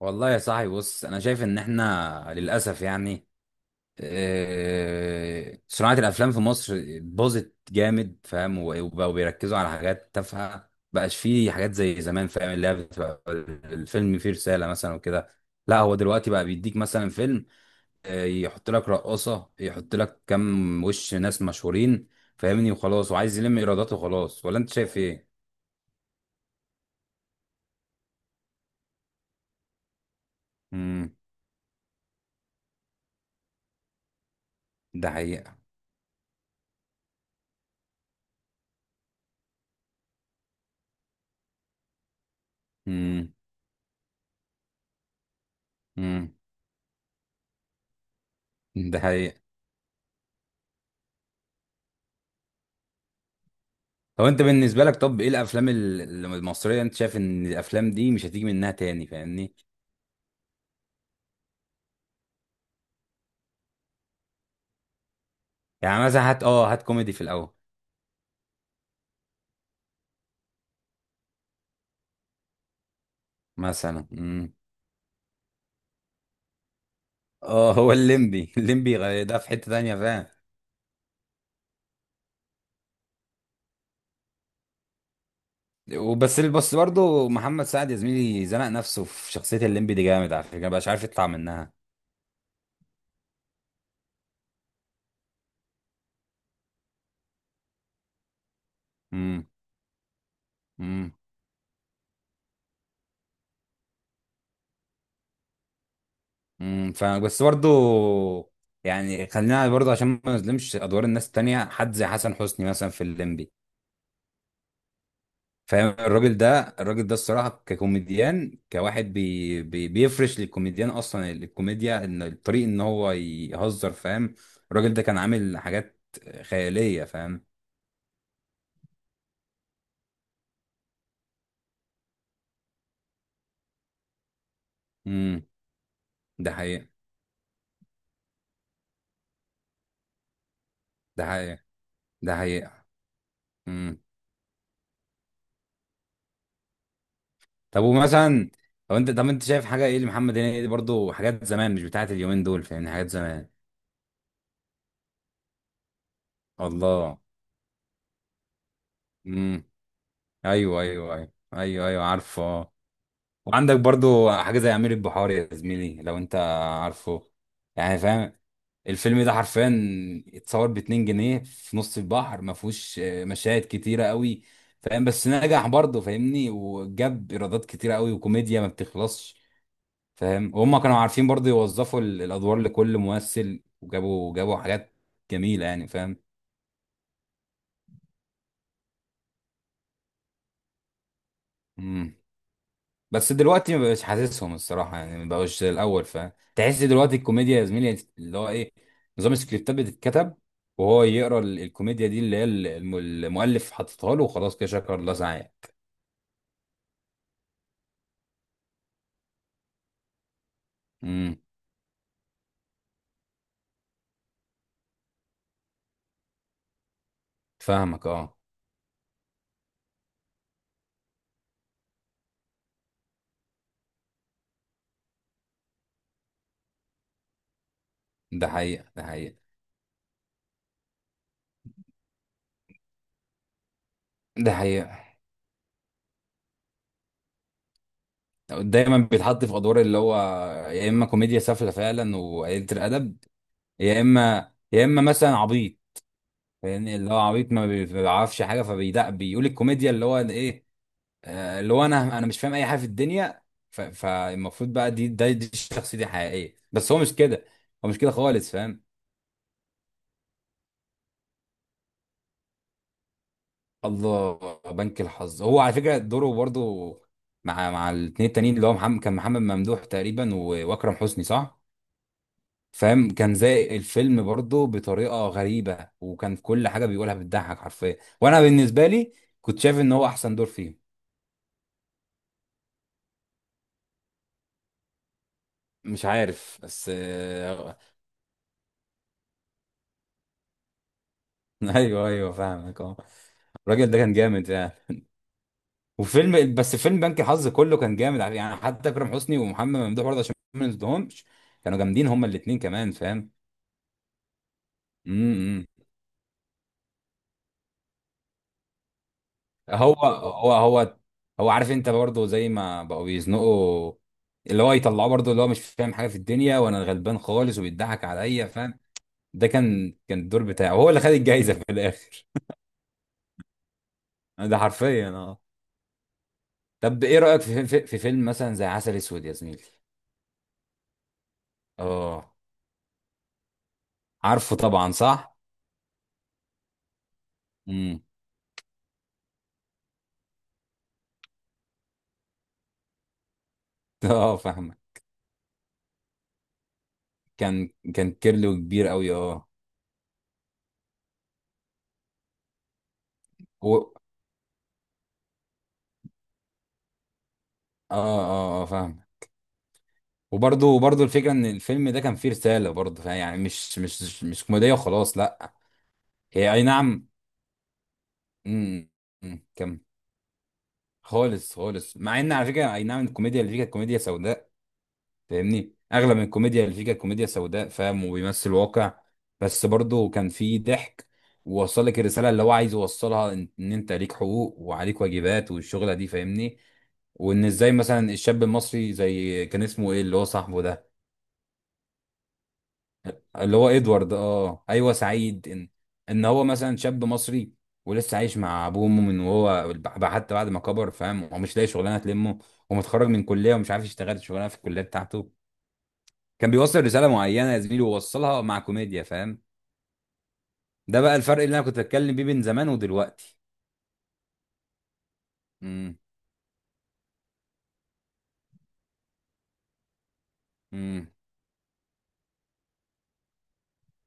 والله يا صاحبي، بص، انا شايف ان احنا للاسف يعني صناعه الافلام في مصر باظت جامد. فاهم؟ وبقوا بيركزوا على حاجات تافهه، بقاش فيه حاجات زي زمان. فاهم؟ اللي هي بتبقى الفيلم فيه رساله مثلا وكده. لا، هو دلوقتي بقى بيديك مثلا فيلم، يحط لك رقاصه، يحط لك كام وش ناس مشهورين، فاهمني؟ وخلاص، وعايز يلم ايراداته وخلاص. ولا انت شايف ايه؟ امم. ده حقيقه. امم. امم. ده حقيقه. طب انت بالنسبه لك، طب ايه الافلام المصريه، انت شايف ان الافلام دي مش هتيجي منها تاني؟ فاهمني؟ يعني مثلا هات، هات كوميدي في الاول. مثلا. امم. اه، هو الليمبي الليمبي ده في حته تانية. فاهم؟ وبس بس برضه محمد سعد، يا زميلي، زنق نفسه في شخصيه الليمبي دي جامد، على فكره، مبقاش عارف يطلع منها. امم. امم. امم. فاهم؟ بس برضه يعني خلينا برضه عشان ما نظلمش ادوار الناس التانية، حد زي حسن حسني مثلا في الليمبي. فاهم؟ الراجل ده، الراجل ده، الصراحه، ككوميديان، كواحد بي بي بيفرش للكوميديان اصلا الكوميديا، ان الطريق ان هو يهزر. فاهم؟ الراجل ده كان عامل حاجات خياليه. فاهم؟ امم. ده حقيقه. ده حقيقه. ده حقيقه. امم. طب ومثلا، طب انت، طب انت شايف حاجه ايه لمحمد هنيدي برضو؟ حاجات زمان، مش بتاعت اليومين دول. فاهمني؟ حاجات زمان. الله. امم. ايوه، ايوه، ايوه، ايوه، ايوه، عارفه. وعندك برضو حاجة زي أمير البحار، يا زميلي، لو أنت عارفه. يعني فاهم؟ الفيلم ده حرفيا اتصور باتنين جنيه في نص البحر، ما فيهوش مشاهد كتيرة قوي. فاهم؟ بس نجح برضه، فاهمني؟ وجاب ايرادات كتيرة قوي وكوميديا ما بتخلصش. فاهم؟ وهم كانوا عارفين برضه يوظفوا الادوار لكل ممثل، وجابوا جابوا حاجات جميلة، يعني فاهم؟ مم. بس دلوقتي ما بقاش حاسسهم الصراحه، يعني ما بقوش زي الاول، فتحس دلوقتي الكوميديا، يا زميلي، اللي هو ايه، نظام السكريبتات بتتكتب وهو يقرا الكوميديا دي اللي هي المؤلف حاططها له وخلاص، كده شكر الله سعيه. امم. فاهمك. اه. ده حقيقه. ده حقيقه. ده حقيقه. دايما بيتحط في ادوار اللي هو يا اما كوميديا سافله فعلا وقليله الادب، يا اما يا اما مثلا عبيط. يعني اللي هو عبيط ما بيعرفش حاجه، فبيدق بيقول الكوميديا اللي هو ايه، اللي هو انا مش فاهم اي حاجه في الدنيا. فالمفروض بقى دي شخصيتي الحقيقيه، بس هو مش كده. هو مش كده خالص. فاهم؟ الله. بنك الحظ هو على فكره دوره برضه مع الاثنين التانيين، اللي هو محمد، كان محمد ممدوح تقريبا، واكرم حسني. صح؟ فاهم؟ كان زي الفيلم برضه بطريقه غريبه، وكان كل حاجه بيقولها بتضحك حرفيا. وانا بالنسبه لي كنت شايف ان هو احسن دور فيهم. مش عارف بس ايوه، ايوه، فاهمك. اه. الراجل ده كان جامد، يعني. وفيلم، بس فيلم بنك الحظ كله كان جامد. على- يعني حتى اكرم حسني ومحمد ممدوح برضه عشان ما نسدهمش، كانوا جامدين هما الاثنين كمان. فاهم؟ امم. إمم. هو هو هو هو عارف انت برضه زي ما بقوا بيزنقوا، اللي هو يطلعوه برضه، اللي هو مش فاهم حاجه في الدنيا وانا غلبان خالص، وبيضحك عليا. فاهم؟ ده كان، كان الدور بتاعه هو اللي خد الجايزه في الاخر. ده حرفيا. اه. طب ايه رايك في فيلم مثلا زي عسل اسود، يا زميلي؟ اه، عارفه طبعا. صح. امم. اه، فاهمك. كان كيرلو كبير قوي، اه. اه. اه. اه. فاهم. وبرضه الفكره ان الفيلم ده كان فيه رساله برضه. فاهم؟ يعني مش كوميديه وخلاص، لا. هي اي نعم. امم. أمم، كم. خالص، خالص، مع ان على فكره اي نعم، الكوميديا اللي فيه كانت كوميديا سوداء. فاهمني؟ اغلب الكوميديا اللي فيه كانت كوميديا سوداء. فاهم؟ وبيمثل واقع. بس برضه كان فيه ضحك، ووصل لك الرساله اللي هو عايز يوصلها، إن انت ليك حقوق وعليك واجبات، والشغله دي. فاهمني؟ وان ازاي مثلا الشاب المصري زي، كان اسمه ايه، اللي هو صاحبه ده، اللي هو ادوارد. اه، ايوه، سعيد. ان ان هو مثلا شاب مصري، ولسه عايش مع ابوه وامه من وهو حتى بعد ما كبر. فاهم؟ ومش لاقي شغلانه تلمه، ومتخرج من كليه ومش عارف يشتغل الشغلانه في الكليه بتاعته. كان بيوصل رساله معينه، يا زميلي، ووصلها مع كوميديا. فاهم؟ ده بقى الفرق اللي انا كنت اتكلم بيه بين زمان ودلوقتي. امم. امم.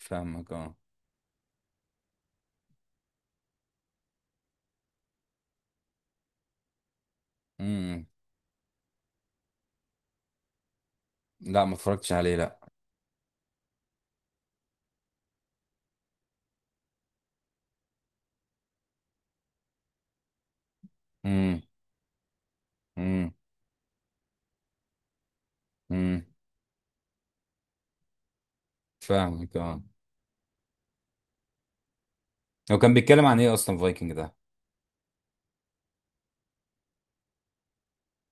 فاهمك. اه. امم. لا، ما اتفرجتش عليه، لا. امم. امم. امم. فاهمك. اه. هو كان بيتكلم عن ايه اصلا فايكنج ده؟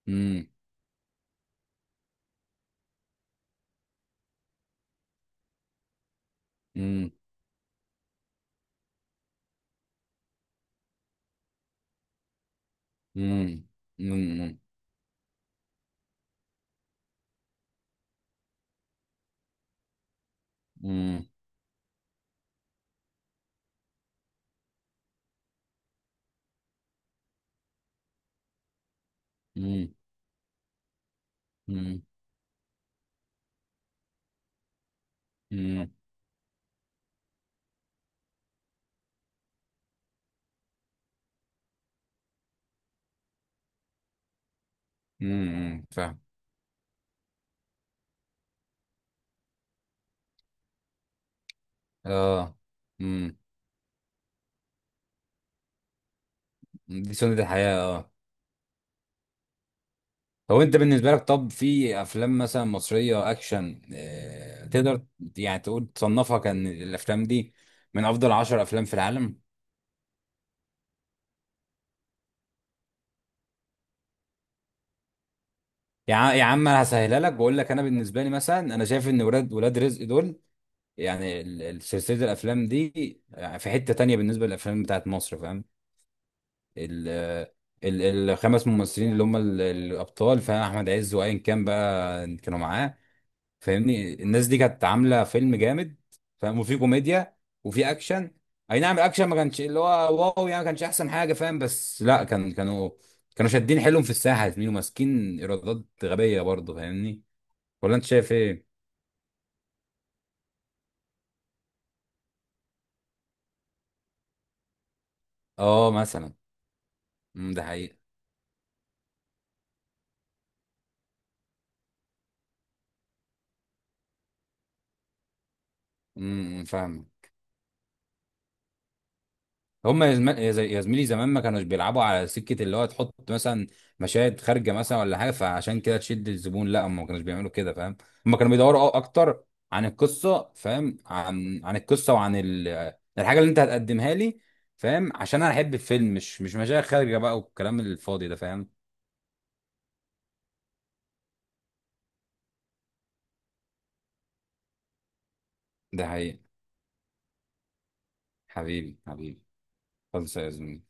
امم. امم. امم. امم. امم. امم. امم. امم. امم. فاهم. اه. امم. دي سنة الحياة. اه. لو انت بالنسبه لك، طب في افلام مثلا مصريه اكشن، تقدر يعني تقول تصنفها كان الافلام دي من افضل عشر افلام في العالم؟ يا عم، انا هسهلها لك واقول لك، انا بالنسبه لي مثلا، انا شايف ان ولاد رزق دول، يعني سلسله الافلام دي، يعني في حته تانية بالنسبه للافلام بتاعت مصر. فاهم؟ ال ال- الخمس ممثلين اللي هم الابطال، فاهم، احمد عز وايا كان بقى كانوا معاه، فاهمني، الناس دي كانت عامله فيلم جامد. فاهم؟ وفي كوميديا، وفي اكشن. اي نعم الاكشن ما كانش اللي هو واو، يعني ما كانش احسن حاجه. فاهم؟ بس لا، كانوا شادين حيلهم في الساحه، يا زميلي، وماسكين ايرادات غبيه برضه. فاهمني؟ ولا انت شايف ايه؟ اه، مثلا. امم. ده حقيقه. امم. فاهم. هم يا زم- يا زي- يا زميلي، زمان ما كانوش بيلعبوا على سكة اللي هو تحط مثلا مشاهد خارجة مثلا ولا حاجة فعشان كده تشد الزبون. لا، هم ما كانوش بيعملوا كده. فاهم؟ هم كانوا بيدوروا اكتر عن القصة. فاهم؟ عن القصة، وعن الحاجة اللي انت هتقدمها لي. فاهم؟ عشان انا احب الفيلم، مش مشاهد خارجة بقى والكلام الفاضي ده. فاهم؟ ده حقيقي. حبيبي، حبيبي. خلص يا زميلي.